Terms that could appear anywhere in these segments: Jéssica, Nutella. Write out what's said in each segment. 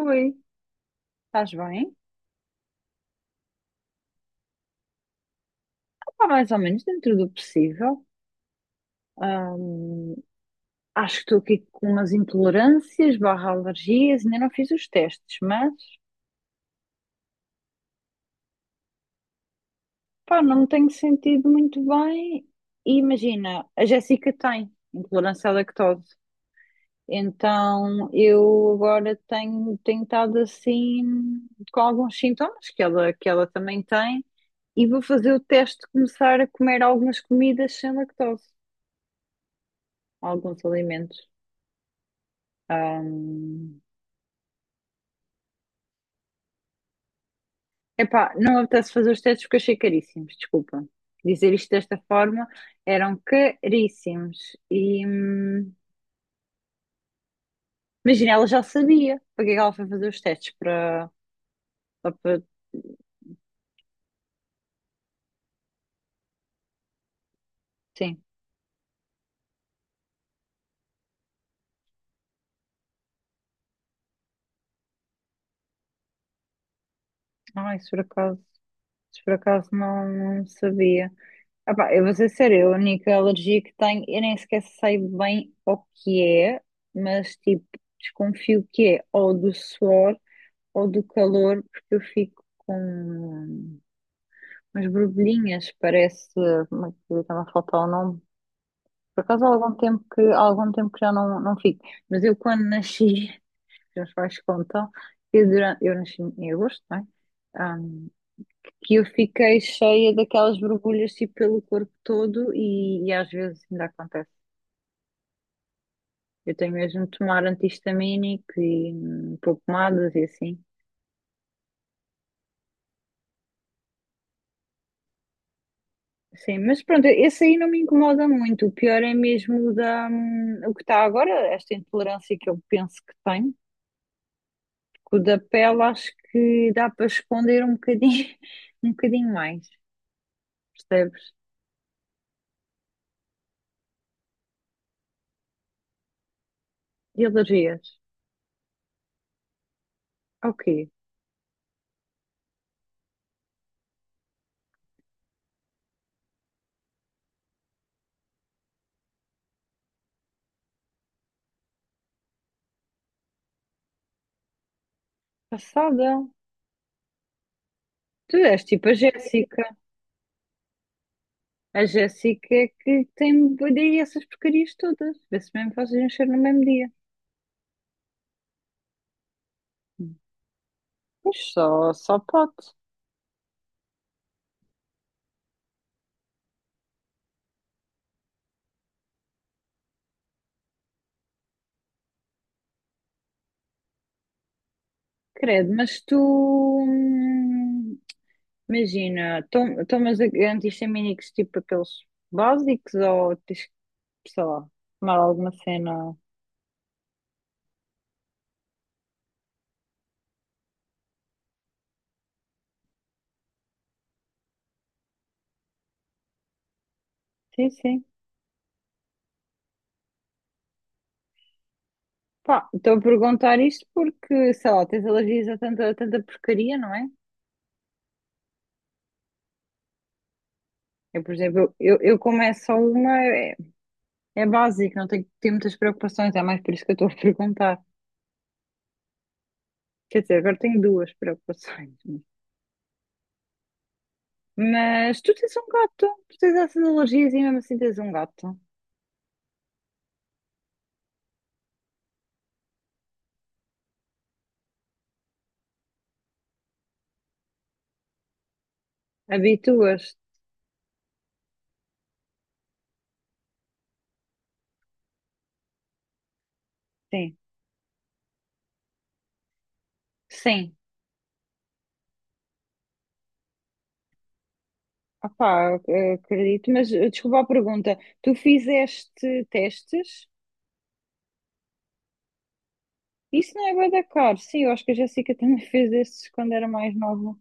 Oi, estás bem? Opa, mais ou menos dentro do possível. Ahm, acho que estou aqui com umas intolerâncias barra alergias, ainda não fiz os testes, mas pá, não me tenho sentido muito bem. E imagina, a Jéssica tem intolerância à lactose, então eu agora tenho tentado assim com alguns sintomas que ela também tem e vou fazer o teste de começar a comer algumas comidas sem lactose, alguns alimentos. Epá, não apetece fazer os testes porque achei caríssimos, desculpa. Dizer isto desta forma, eram caríssimos. E imagina, ela já sabia para que é que ela foi fazer os testes para, só para- sim. Ai, se por acaso não, não sabia. Epá, eu vou ser sério, a única alergia que tenho, eu nem sequer sei bem o que é, mas tipo, desconfio que é ou do suor ou do calor, porque eu fico com mas borbulhinhas, parece, como é que está-me a faltar o nome? Por acaso há algum tempo que, há algum tempo que já não fico. Mas eu quando nasci, que os meus pais contam, eu, durante, eu nasci em agosto, não é? Ahm, que eu fiquei cheia daquelas borbulhas tipo, pelo corpo todo e às vezes ainda acontece. Eu tenho mesmo de tomar anti-histamínico e pôr pomadas e assim. Sim, mas pronto, esse aí não me incomoda muito. O pior é mesmo o da, o que está agora, esta intolerância que eu penso que tenho. Com o da pele acho que dá para esconder um bocadinho, um bocadinho mais, percebes? E alergias. Ok. Passada. Tu és tipo a Jéssica. A Jéssica é que tem daí essas porcarias todas. Vê-se mesmo fazes encher no mesmo dia. Pois só pode. Credo, mas tu. hum, Imagina, tomas antistamínicos tipo aqueles básicos ou tens que, sei lá, tomar alguma cena? Sim, sim. Pá, estou a perguntar isto porque, sei lá, tens alergias a tanta porcaria, não é? Eu, por exemplo, eu como é só uma, é básico, não tenho que ter muitas preocupações, é mais por isso que eu estou a perguntar. Quer dizer, agora tenho duas preocupações. Mas tu tens um gato, tu tens essas alergias e mesmo assim tens um gato. Habituas? Sim. Sim. Opá, eu acredito, mas desculpa a pergunta. Tu fizeste testes? Isso não é bué da caro. Sim, eu acho que a Jéssica também fez esses quando era mais nova.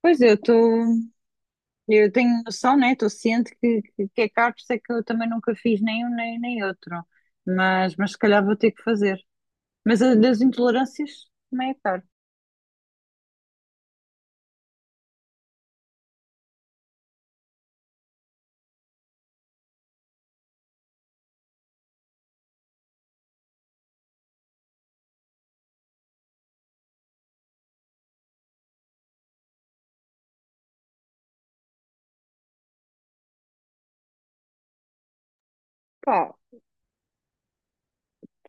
Pois eu estou, eu tenho noção, né? Estou ciente que é caro, por isso é que eu também nunca fiz nem um nem, nem outro. Mas se calhar vou ter que fazer. Mas a das intolerâncias também é caro. Pá,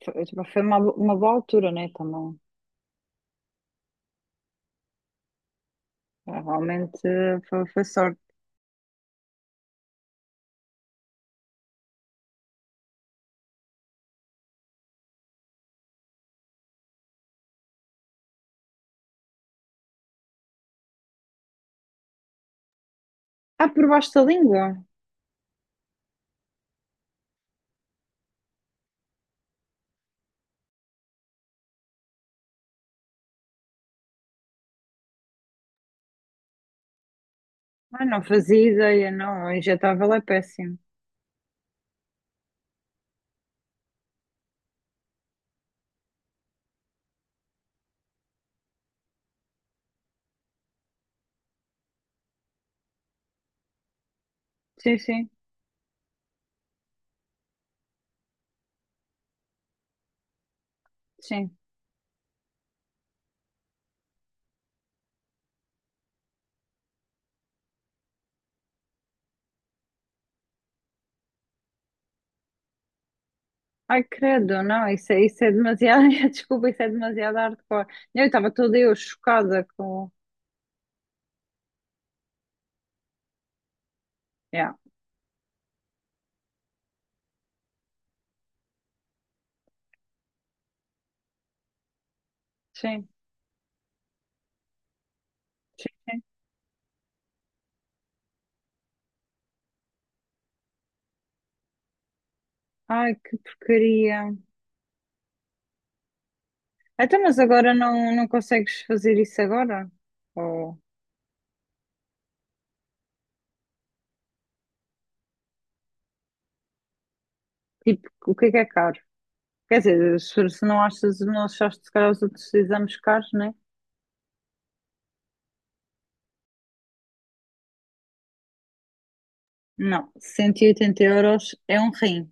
foi, tipo, foi uma boa altura, né? Também. Ah, realmente foi sorte. Ah, por baixo da língua. Ah, não fazia ideia, não. O injetável é péssimo. Sim, sim, sim. Ai, credo, não, isso é demasiado. Desculpa, isso é demasiado hardcore. Eu estava toda eu chocada com. Yeah. Sim. Sim. Ai, que porcaria. Então, mas agora não consegues fazer isso agora? Ou, tipo, o que é caro? Quer dizer, se não achas, não achaste se calhar os outros exames caros, né? Não, 180 € é um rim.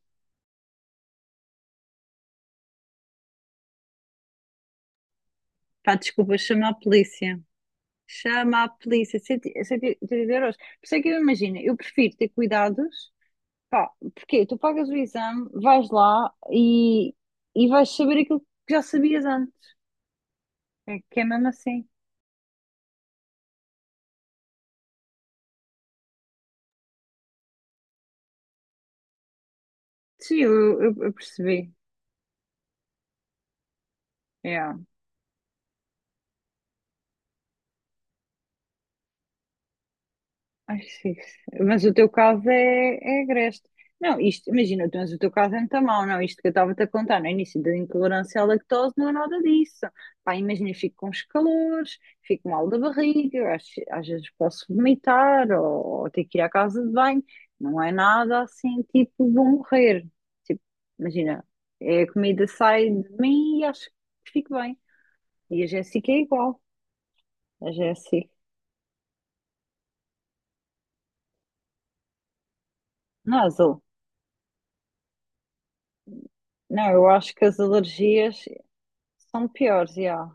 Pá, desculpa, chama a polícia. Chama a polícia. Cento e oitenta euros. Por isso é que eu imagino, eu prefiro ter cuidados. Pá, porque tu pagas o exame, vais lá e vais saber aquilo que já sabias antes. É que é mesmo assim. Sim, eu percebi. Yeah. Ai, sim. Mas o teu caso é agreste. Não, isto, imagina, mas o teu caso é muito mau, não? Isto que eu estava-te a contar no início da intolerância à lactose não é nada disso. Pá, imagina, eu fico com os calores, fico mal da barriga, às, vezes posso vomitar ou, ter que ir à casa de banho. Não é nada assim, tipo, vou morrer. Tipo, imagina, é a comida sai de mim e acho que fico bem. E a Jéssica é igual. A Jéssica. Não, não, eu acho que as alergias são piores, já.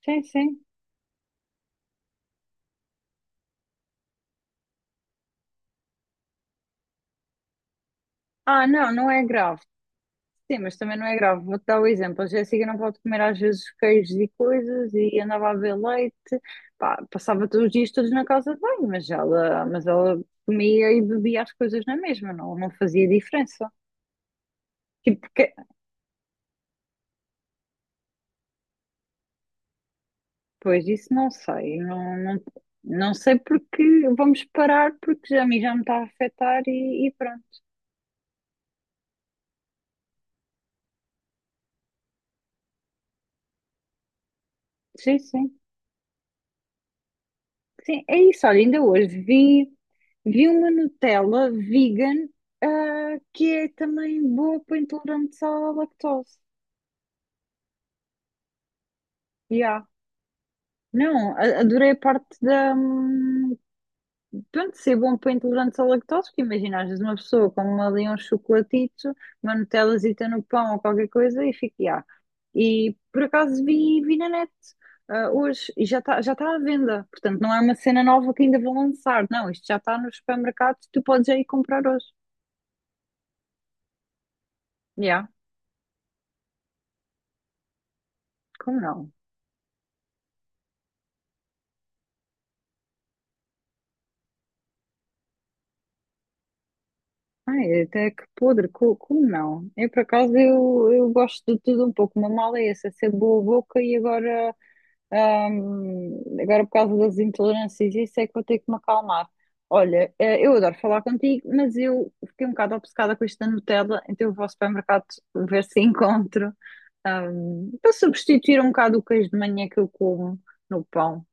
Sim, sim. Ah, não, não é grave. Sim, mas também não é grave. Vou-te dar o exemplo. A Jéssica não pode comer às vezes queijos e coisas e andava a beber leite. Pá, passava todos os dias todos na casa de banho, mas ela comia e bebia as coisas na mesma, não, não fazia diferença. Tipo, que- pois isso não sei. Não, não, não sei porque vamos parar porque já, a mim já me está a afetar e pronto. Sim, sim. Sim, é isso. Olha, ainda hoje vi uma Nutella vegan, que é também boa para intolerantes à lactose. Yeah. Não, adorei a parte da, pronto, ser bom para intolerantes à lactose, porque imagina, às vezes uma pessoa come ali um chocolatito, uma nutelazita no pão ou qualquer coisa e fica, ah. E por acaso vi na net hoje e já está já tá à venda, portanto não é uma cena nova que ainda vão lançar, não, isto já está nos supermercados, tu podes já ir comprar hoje. Yeah, como não? Ai, até que podre, como, não? Eu por acaso eu gosto de tudo um pouco, uma mala é essa, ser boa boca e agora. Agora, por causa das intolerâncias, isso é que vou ter que me acalmar. Olha, eu adoro falar contigo, mas eu fiquei um bocado obcecada com isto da Nutella, então eu vou ao supermercado ver se encontro, para substituir um bocado o queijo de manhã que eu como no pão.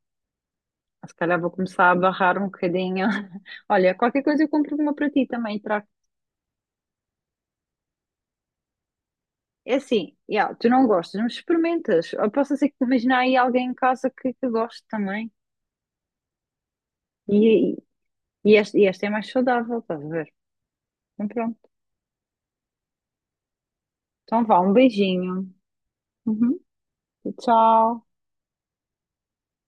Se calhar vou começar a barrar um bocadinho. Olha, qualquer coisa eu compro uma para ti também e trago. É assim, yeah, tu não gostas, mas experimentas. Ou posso ser que imaginar aí alguém em casa que goste também. E, e esta é mais saudável, estás a ver? Então, pronto. Então vá, um beijinho. Uhum. Tchau.